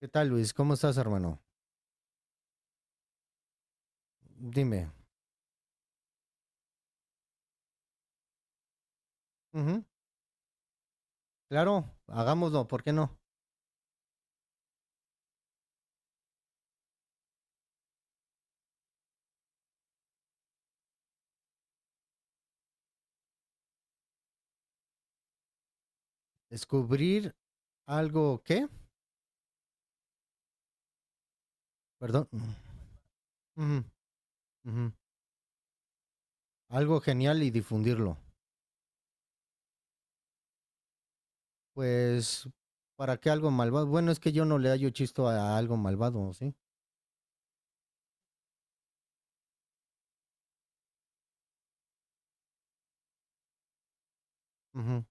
¿Qué tal, Luis? ¿Cómo estás, hermano? Dime. Ujú. Claro, hagámoslo, ¿por qué no? Descubrir algo, ¿qué? Perdón. Ujú. Ujú. Algo genial y difundirlo. Pues, ¿para qué algo malvado? Bueno, es que yo no le hallo chisto a algo malvado, ¿sí? Ujú.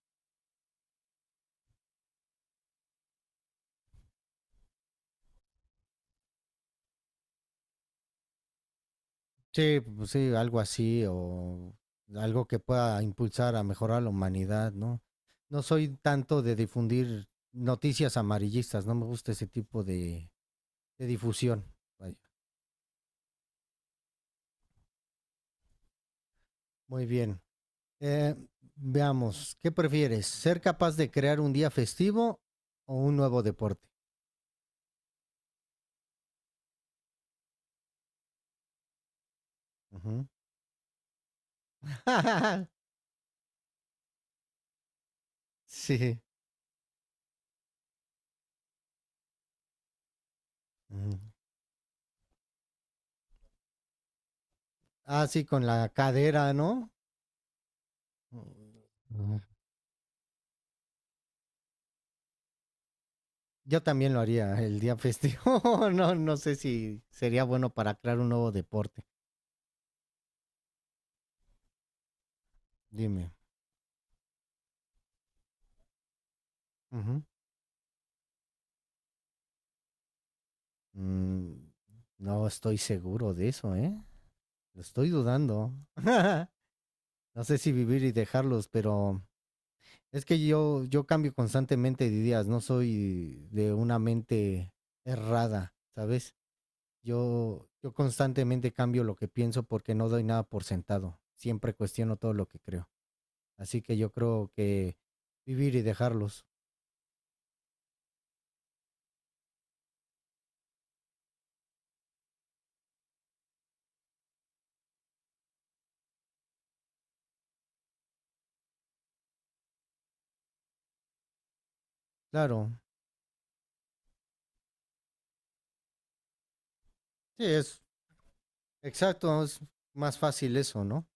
Sí, pues sí, algo así o algo que pueda impulsar a mejorar la humanidad, ¿no? No soy tanto de difundir noticias amarillistas, no me gusta ese tipo de difusión. Vaya. Muy bien. Eh, veamos, ¿qué prefieres? ¿Ser capaz de crear un día festivo o un nuevo deporte? Ujú. sí. Ujú. Ah, sí, con la cadera, ¿no? Ujú. Yo también lo haría el día festivo. No, no sé si sería bueno para crear un nuevo deporte. Dime. Ujú. Mm, no estoy seguro de eso, ¿eh? Lo estoy dudando. No sé si vivir y dejarlos, pero es que yo cambio constantemente de ideas, no soy de una mente errada, ¿sabes? Yo constantemente cambio lo que pienso porque no doy nada por sentado. Siempre cuestiono todo lo que creo. Así que yo creo que vivir y dejarlos. Claro, sí, es exacto, es más fácil eso, ¿no?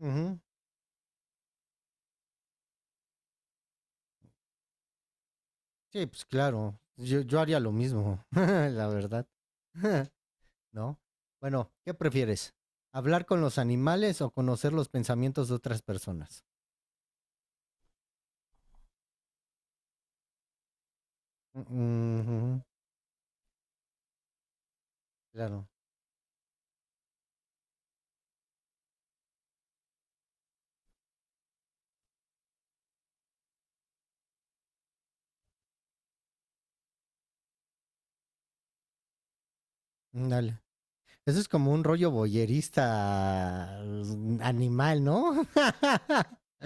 Ujú. Sí, pues claro, yo haría lo mismo, la verdad. ¿no? Bueno, ¿qué prefieres? ¿Hablar con los animales o conocer los pensamientos de otras personas? Mm. Claro. Mm, dale. Eso es como un rollo boyerista, animal, ¿no?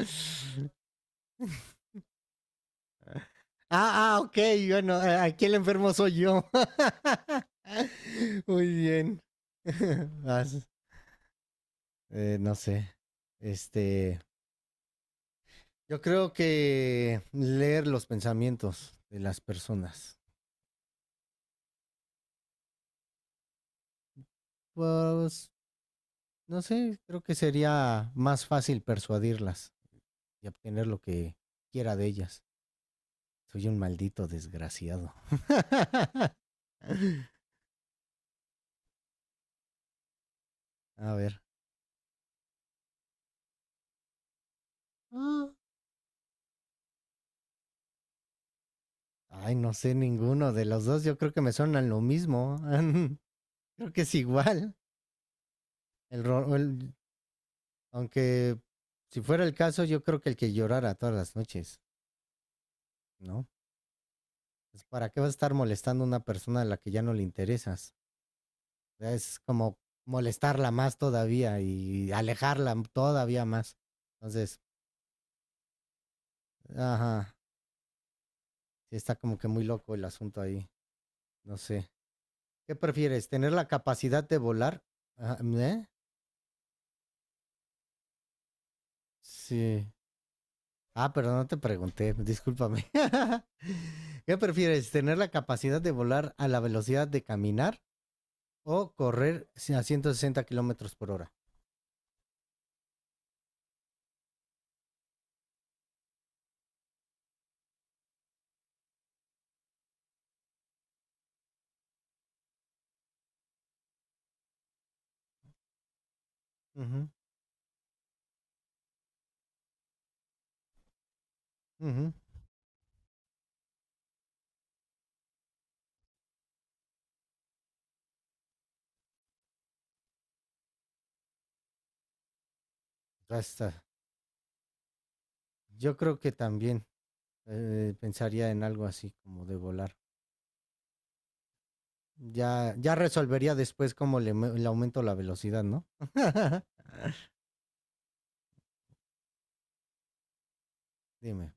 ah, ah, ok, bueno, aquí el enfermo soy yo. Muy bien. Vas. No sé. Este, yo creo que leer los pensamientos de las personas. Pues no sé, creo que sería más fácil persuadirlas y obtener lo que quiera de ellas. Soy un maldito desgraciado. A ver. Ay, no sé ninguno de los dos. Yo creo que me suenan lo mismo. creo que es igual. El, ro- el- aunque si fuera el caso, yo creo que el que llorara todas las noches, ¿no? Pues, ¿para qué vas a estar molestando a una persona a la que ya no le interesas? Es como molestarla más todavía y alejarla todavía más. Entonces, ajá, sí está como que muy loco el asunto ahí. No sé. ¿Qué prefieres? ¿Tener la capacidad de volar? Ah, ¿eh? Sí. Ah, pero no te pregunté, discúlpame. ¿Qué prefieres? ¿Tener la capacidad de volar a la velocidad de caminar o correr si a 160 kilómetros por hora? Ujú. Ujú. Ya. Yo creo que también pensaría en algo así como de volar. Ya, ya resolvería después cómo le, aumento la velocidad, ¿no? Dime.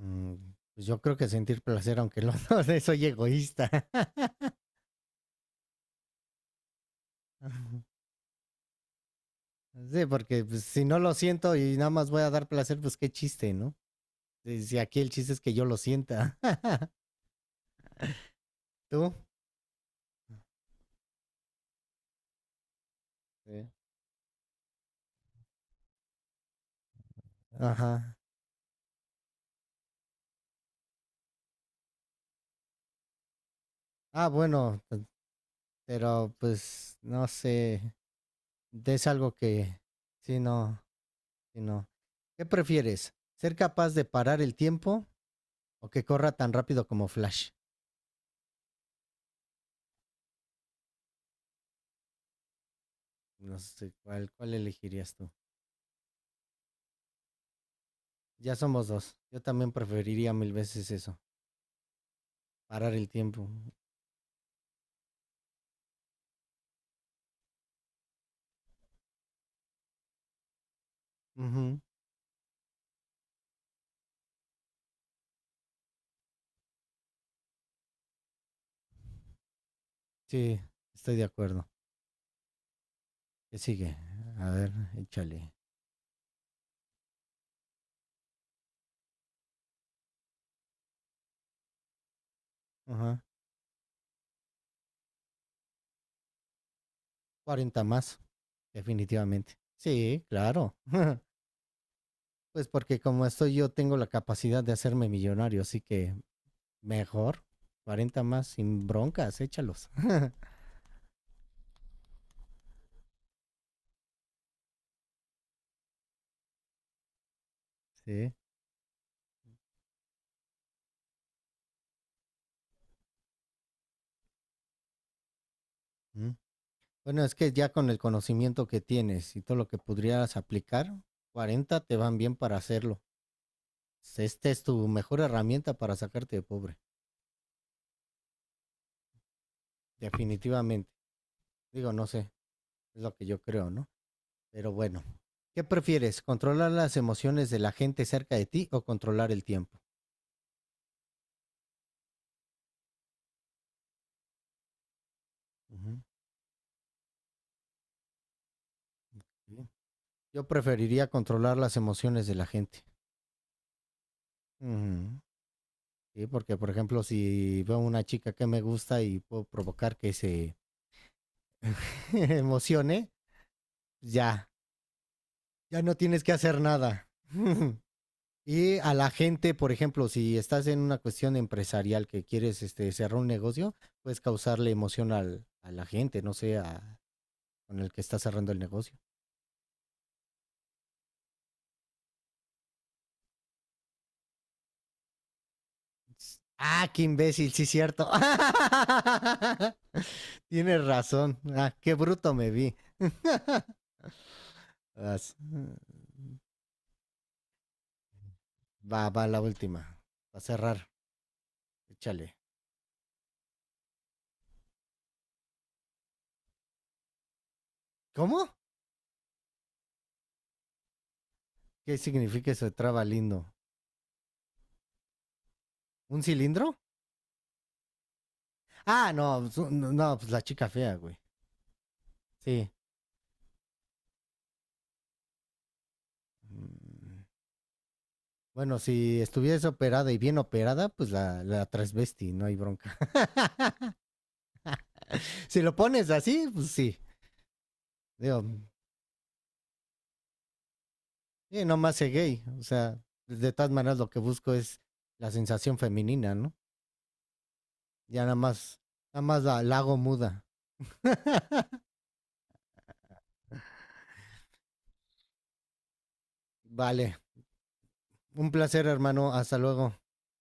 Mm, Pues yo creo que sentir placer, aunque lo no, soy egoísta. Sí, porque pues, si no lo siento y nada más voy a dar placer, pues qué chiste, ¿no? Si aquí el chiste es que yo lo sienta. ¿Tú? Sí. Ajá. Ah, bueno, pero pues no sé, es algo que, si no, si no. ¿Qué prefieres? ¿Ser capaz de parar el tiempo o que corra tan rápido como Flash? No sé cuál elegirías tú. Ya somos dos. Yo también preferiría mil veces eso. Parar el tiempo. Ujú. Sí, estoy de acuerdo. ¿Qué sigue? A ver, échale. Ajá. 40 más, definitivamente. Sí, claro. Pues porque como estoy yo tengo la capacidad de hacerme millonario, así que mejor. 40 más sin broncas, échalos. Sí. Mm. Bueno, es que ya con el conocimiento que tienes y todo lo que podrías aplicar, 40 te van bien para hacerlo. Esta es tu mejor herramienta para sacarte de pobre, definitivamente. Digo, no sé, es lo que yo creo, ¿no? Pero bueno, ¿qué prefieres? ¿Controlar las emociones de la gente cerca de ti o controlar el tiempo? Ujú. Sí. Yo preferiría controlar las emociones de la gente. Ujú. Sí, porque por ejemplo, si veo una chica que me gusta y puedo provocar que se emocione, ya, ya no tienes que hacer nada. y a la gente, por ejemplo, si estás en una cuestión empresarial que quieres este, cerrar un negocio, puedes causarle emoción a la gente, no sé, con el que está cerrando el negocio. Ah, qué imbécil, sí cierto. Tienes razón. Ah, qué bruto me vi. As- va la última. Va a cerrar. Échale. ¿Cómo? ¿Qué significa eso de traba lindo? ¿Un cilindro? Ah, no, pues, no, pues la chica fea, güey. Sí. Mm, bueno, si estuvieras operada y bien operada, pues la transvesti, no hay bronca. Si lo pones así, pues sí. Digo, sí, no más sé gay. O sea, de todas maneras lo que busco es la sensación femenina, ¿no? Ya nada más, nada más la hago muda. Vale. Un placer, hermano. Hasta luego.